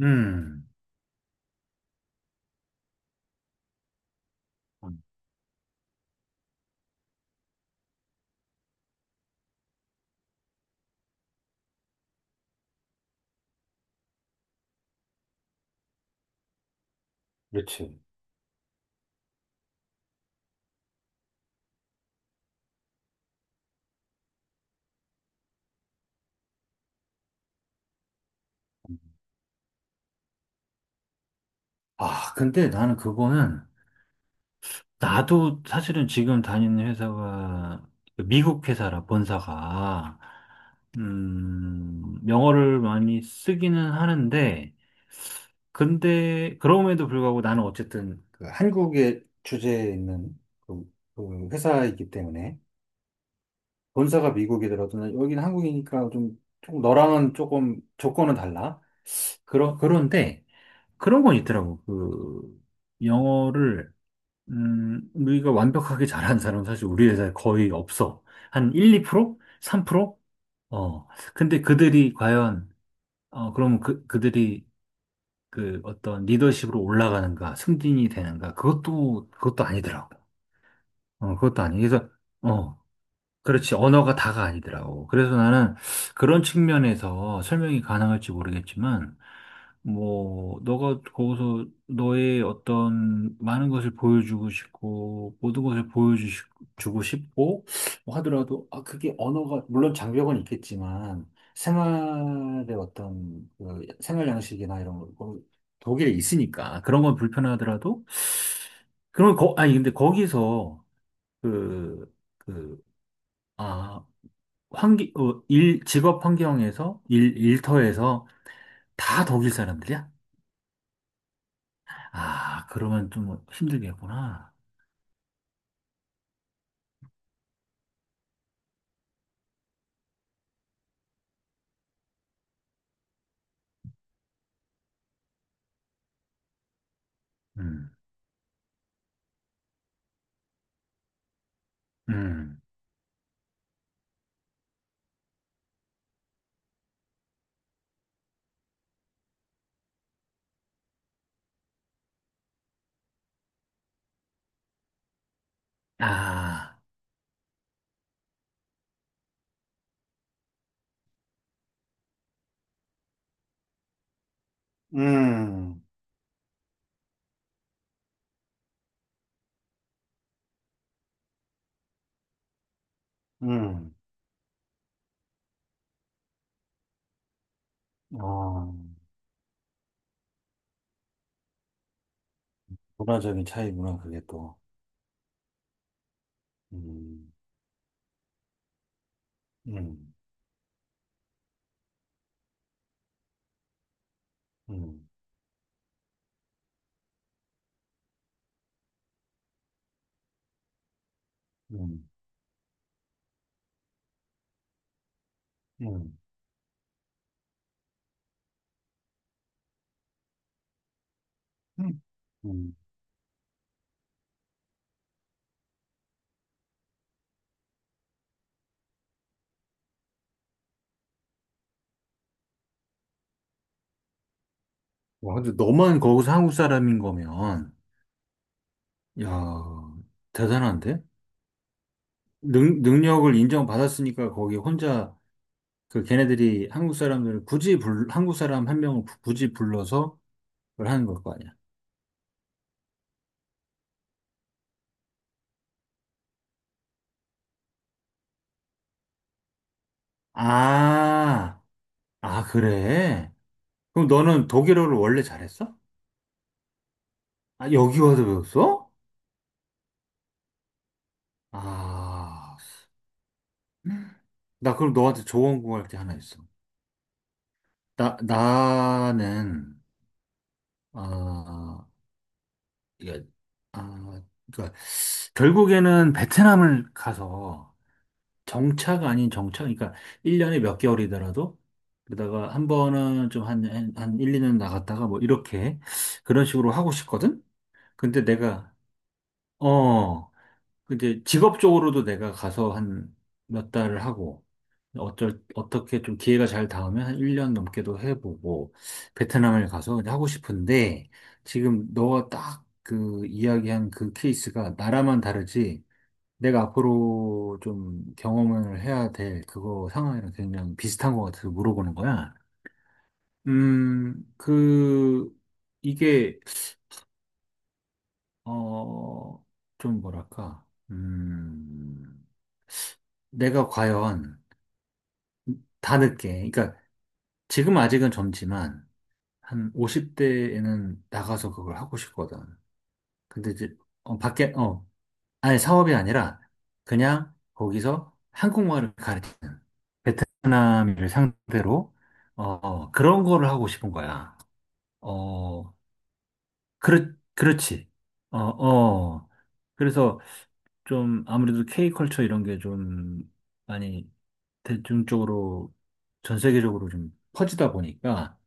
음, 음, 그렇지. 아, 근데 나도 사실은 지금 다니는 회사가 미국 회사라, 본사가, 영어를 많이 쓰기는 하는데, 근데, 그럼에도 불구하고 나는 어쨌든 그 한국의 주제에 있는 그, 그 회사이기 때문에, 본사가 미국이더라도 난 여기는 한국이니까 좀, 좀 너랑은 조금 조건은 달라. 그런데, 그런 건 있더라고. 그 영어를 우리가 완벽하게 잘하는 사람은 사실 우리 회사에 거의 없어. 한 1, 2%? 3%? 어. 근데 그들이 과연, 어, 그럼 그들이 그 어떤 리더십으로 올라가는가, 승진이 되는가? 그것도 아니더라고. 어, 그것도 아니. 그래서 어. 그렇지. 언어가 다가 아니더라고. 그래서 나는 그런 측면에서 설명이 가능할지 모르겠지만, 뭐, 너가 거기서 너의 어떤 많은 것을 보여주고 싶고, 모든 것을 보여주고 싶고, 뭐 하더라도, 아, 그게 언어가, 물론 장벽은 있겠지만, 생활의 어떤, 그 생활 양식이나 이런 거, 뭐 독일에 있으니까, 그런 건 불편하더라도, 그런 거, 아니, 근데 거기서, 그, 그, 아, 환기, 어, 일, 직업 환경에서, 일, 일터에서 다 독일 사람들이야? 아, 그러면 좀 힘들겠구나. 음, 음, 아, 음, 음, 어, 문화적인 차이구나, 그게 또. 음, 음, 음, 음, 음, 음. 음. 와, 근데 너만 거기서 한국 사람인 거면, 야, 대단한데? 능력을 인정받았으니까 거기 혼자, 그 걔네들이 한국 사람들을 굳이 한국 사람 한 명을 굳이 불러서 그걸 하는 걸 거 아니야. 아, 아, 그래? 그럼 너는 독일어를 원래 잘했어? 아, 여기 와서 배웠어? 아, 나 그럼 너한테 조언 구할 게 하나 있어. 나는, 아, 이게, 아, 그러니까 결국에는 베트남을 가서 정차가 아닌 정차? 그러니까 1년에 몇 개월이더라도 그러다가 한 번은 좀 한 1, 2년 나갔다가 뭐 이렇게 그런 식으로 하고 싶거든? 근데 내가, 어, 근데 직업적으로도 내가 가서 한 몇 달을 하고 어쩔 어떻게 좀 기회가 잘 닿으면 한 1년 넘게도 해보고 베트남을 가서 이제 하고 싶은데, 지금 너가 딱 그 이야기한 그 케이스가 나라만 다르지, 내가 앞으로 좀 경험을 해야 될 그거 상황이랑 굉장히 비슷한 것 같아서 물어보는 거야. 그, 이게, 어, 좀 뭐랄까, 음, 내가 과연 다 늦게, 그러니까 지금 아직은 젊지만, 한 50대에는 나가서 그걸 하고 싶거든. 근데 이제, 어, 밖에, 어, 아니, 사업이 아니라 그냥 거기서 한국말을 가르치는, 베트남인을 상대로, 어, 그런 거를 하고 싶은 거야. 어, 그렇지. 어, 어. 그래서 좀 아무래도 K컬처 이런 게 좀 많이 대중적으로 전 세계적으로 좀 퍼지다 보니까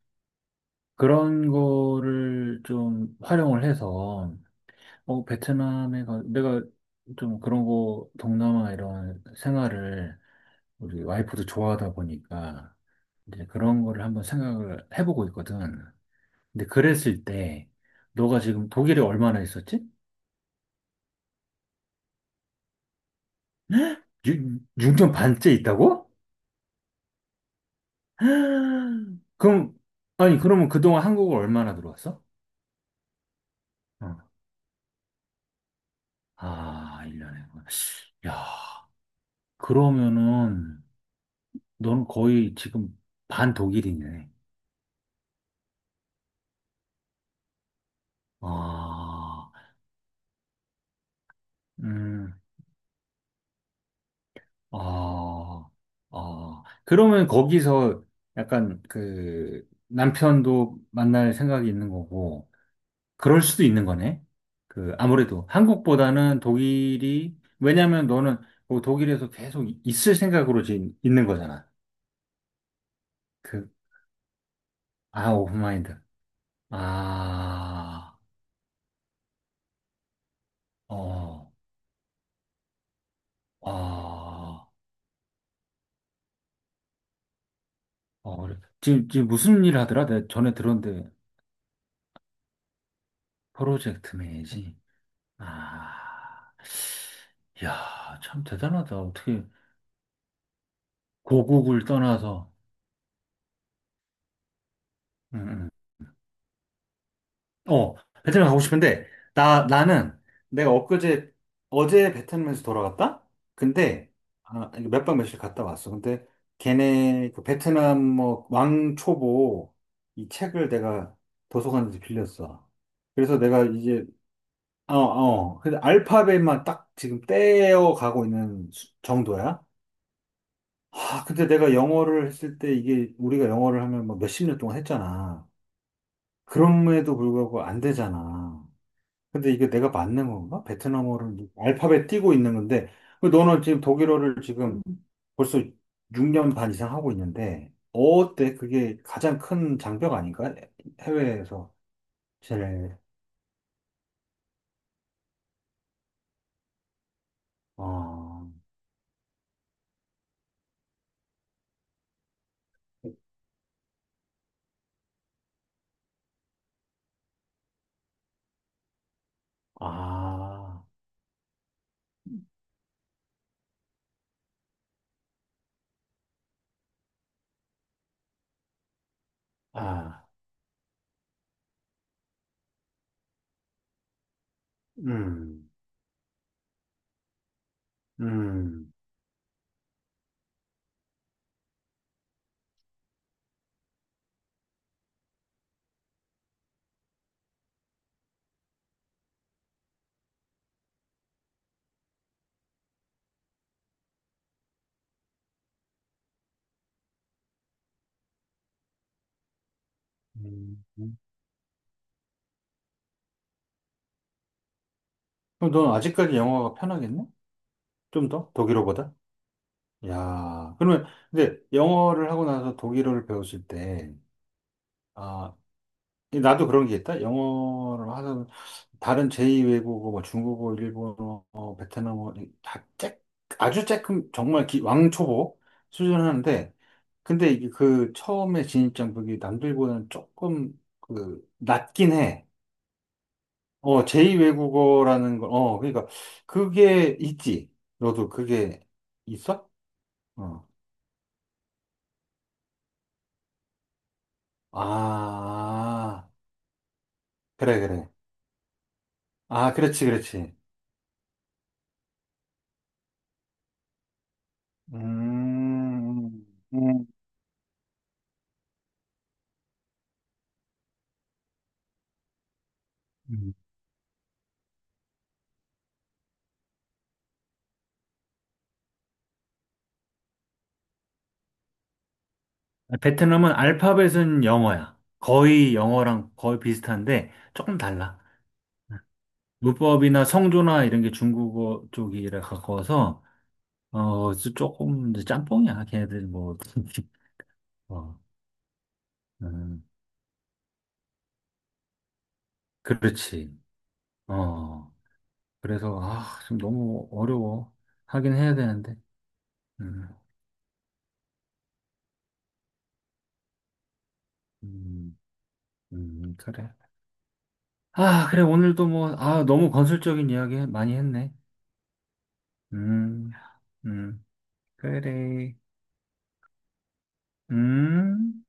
그런 거를 좀 활용을 해서, 어, 베트남에 가, 내가 좀 그런 거, 동남아 이런 생활을 우리 와이프도 좋아하다 보니까 이제 그런 거를 한번 생각을 해보고 있거든. 근데 그랬을 때, 너가 지금 독일에 얼마나 있었지? 6년 반째 있다고? 그럼, 아니, 그러면 그동안 한국을 얼마나 들어왔어? 어. 아, 1년에. 야, 그러면은, 넌 거의 지금 반 독일이네. 아, 음. 아, 아. 그러면 거기서 약간 그 남편도 만날 생각이 있는 거고, 그럴 수도 있는 거네. 그 아무래도 한국보다는 독일이, 왜냐면 너는 뭐 독일에서 계속 있을 생각으로 지금 있는 거잖아. 그, 아, 오픈 마인드. 아, 어, 아, 어. 그래. 지금 무슨 일 하더라? 내가 전에 들었는데, 프로젝트 매니지. 아, 야, 참 대단하다. 어떻게 고국을 떠나서. 음, 어, 베트남 가고 싶은데, 나 나는, 내가 엊그제, 어제 베트남에서 돌아갔다. 근데 아, 몇 박 며칠 갔다 왔어. 근데 걔네 그 베트남 뭐 왕초보 이 책을 내가 도서관에서 빌렸어. 그래서 내가 이제, 어, 어. 근데 알파벳만 딱 지금 떼어 가고 있는 수- 정도야. 아, 근데 내가 영어를 했을 때, 이게 우리가 영어를 하면 뭐 몇십 년 동안 했잖아. 그럼에도 불구하고 안 되잖아. 근데 이게 내가 맞는 건가? 베트남어를 알파벳 띄고 있는 건데, 그 너는 지금 독일어를 지금 벌써 6년 반 이상 하고 있는데, 어때? 그게 가장 큰 장벽 아닌가? 해외에서 제일, 어, 아, 아, 음, 음, 음. 그럼 넌 아직까지 영어가 편하겠네? 좀 더? 독일어보다? 야, 그러면, 근데 영어를 하고 나서 독일어를 배웠을 때, 아, 이 나도 그런 게 있다? 영어를 하는, 다른 제2외국어, 뭐 중국어, 일본어, 어, 베트남어, 이- 다 쬐, 아주 쬐끔, 정말 기, 왕초보 수준 하는데, 근데 이게 그 처음에 진입장벽이 남들보다는 조금 그, 낮긴 해. 어, 제2외국어라는 거, 어, 그러니까 그게 있지. 너도 그게 있어? 어. 아. 그래, 그래. 아, 그렇지, 그렇지. 음, 음. 음. 베트남은 알파벳은 영어야. 거의 영어랑 거의 비슷한데 조금 달라. 문법이나 성조나 이런 게 중국어 쪽이라 가까워서 어 조금 이제 짬뽕이야. 걔네들 뭐 어, 음, 그렇지. 어, 그래서 아 지금 너무 어려워. 하긴 해야 되는데. 음, 음, 그래. 아, 그래, 오늘도 뭐, 아, 너무 건설적인 이야기 많이 했네. 음, 음, 그래, 음.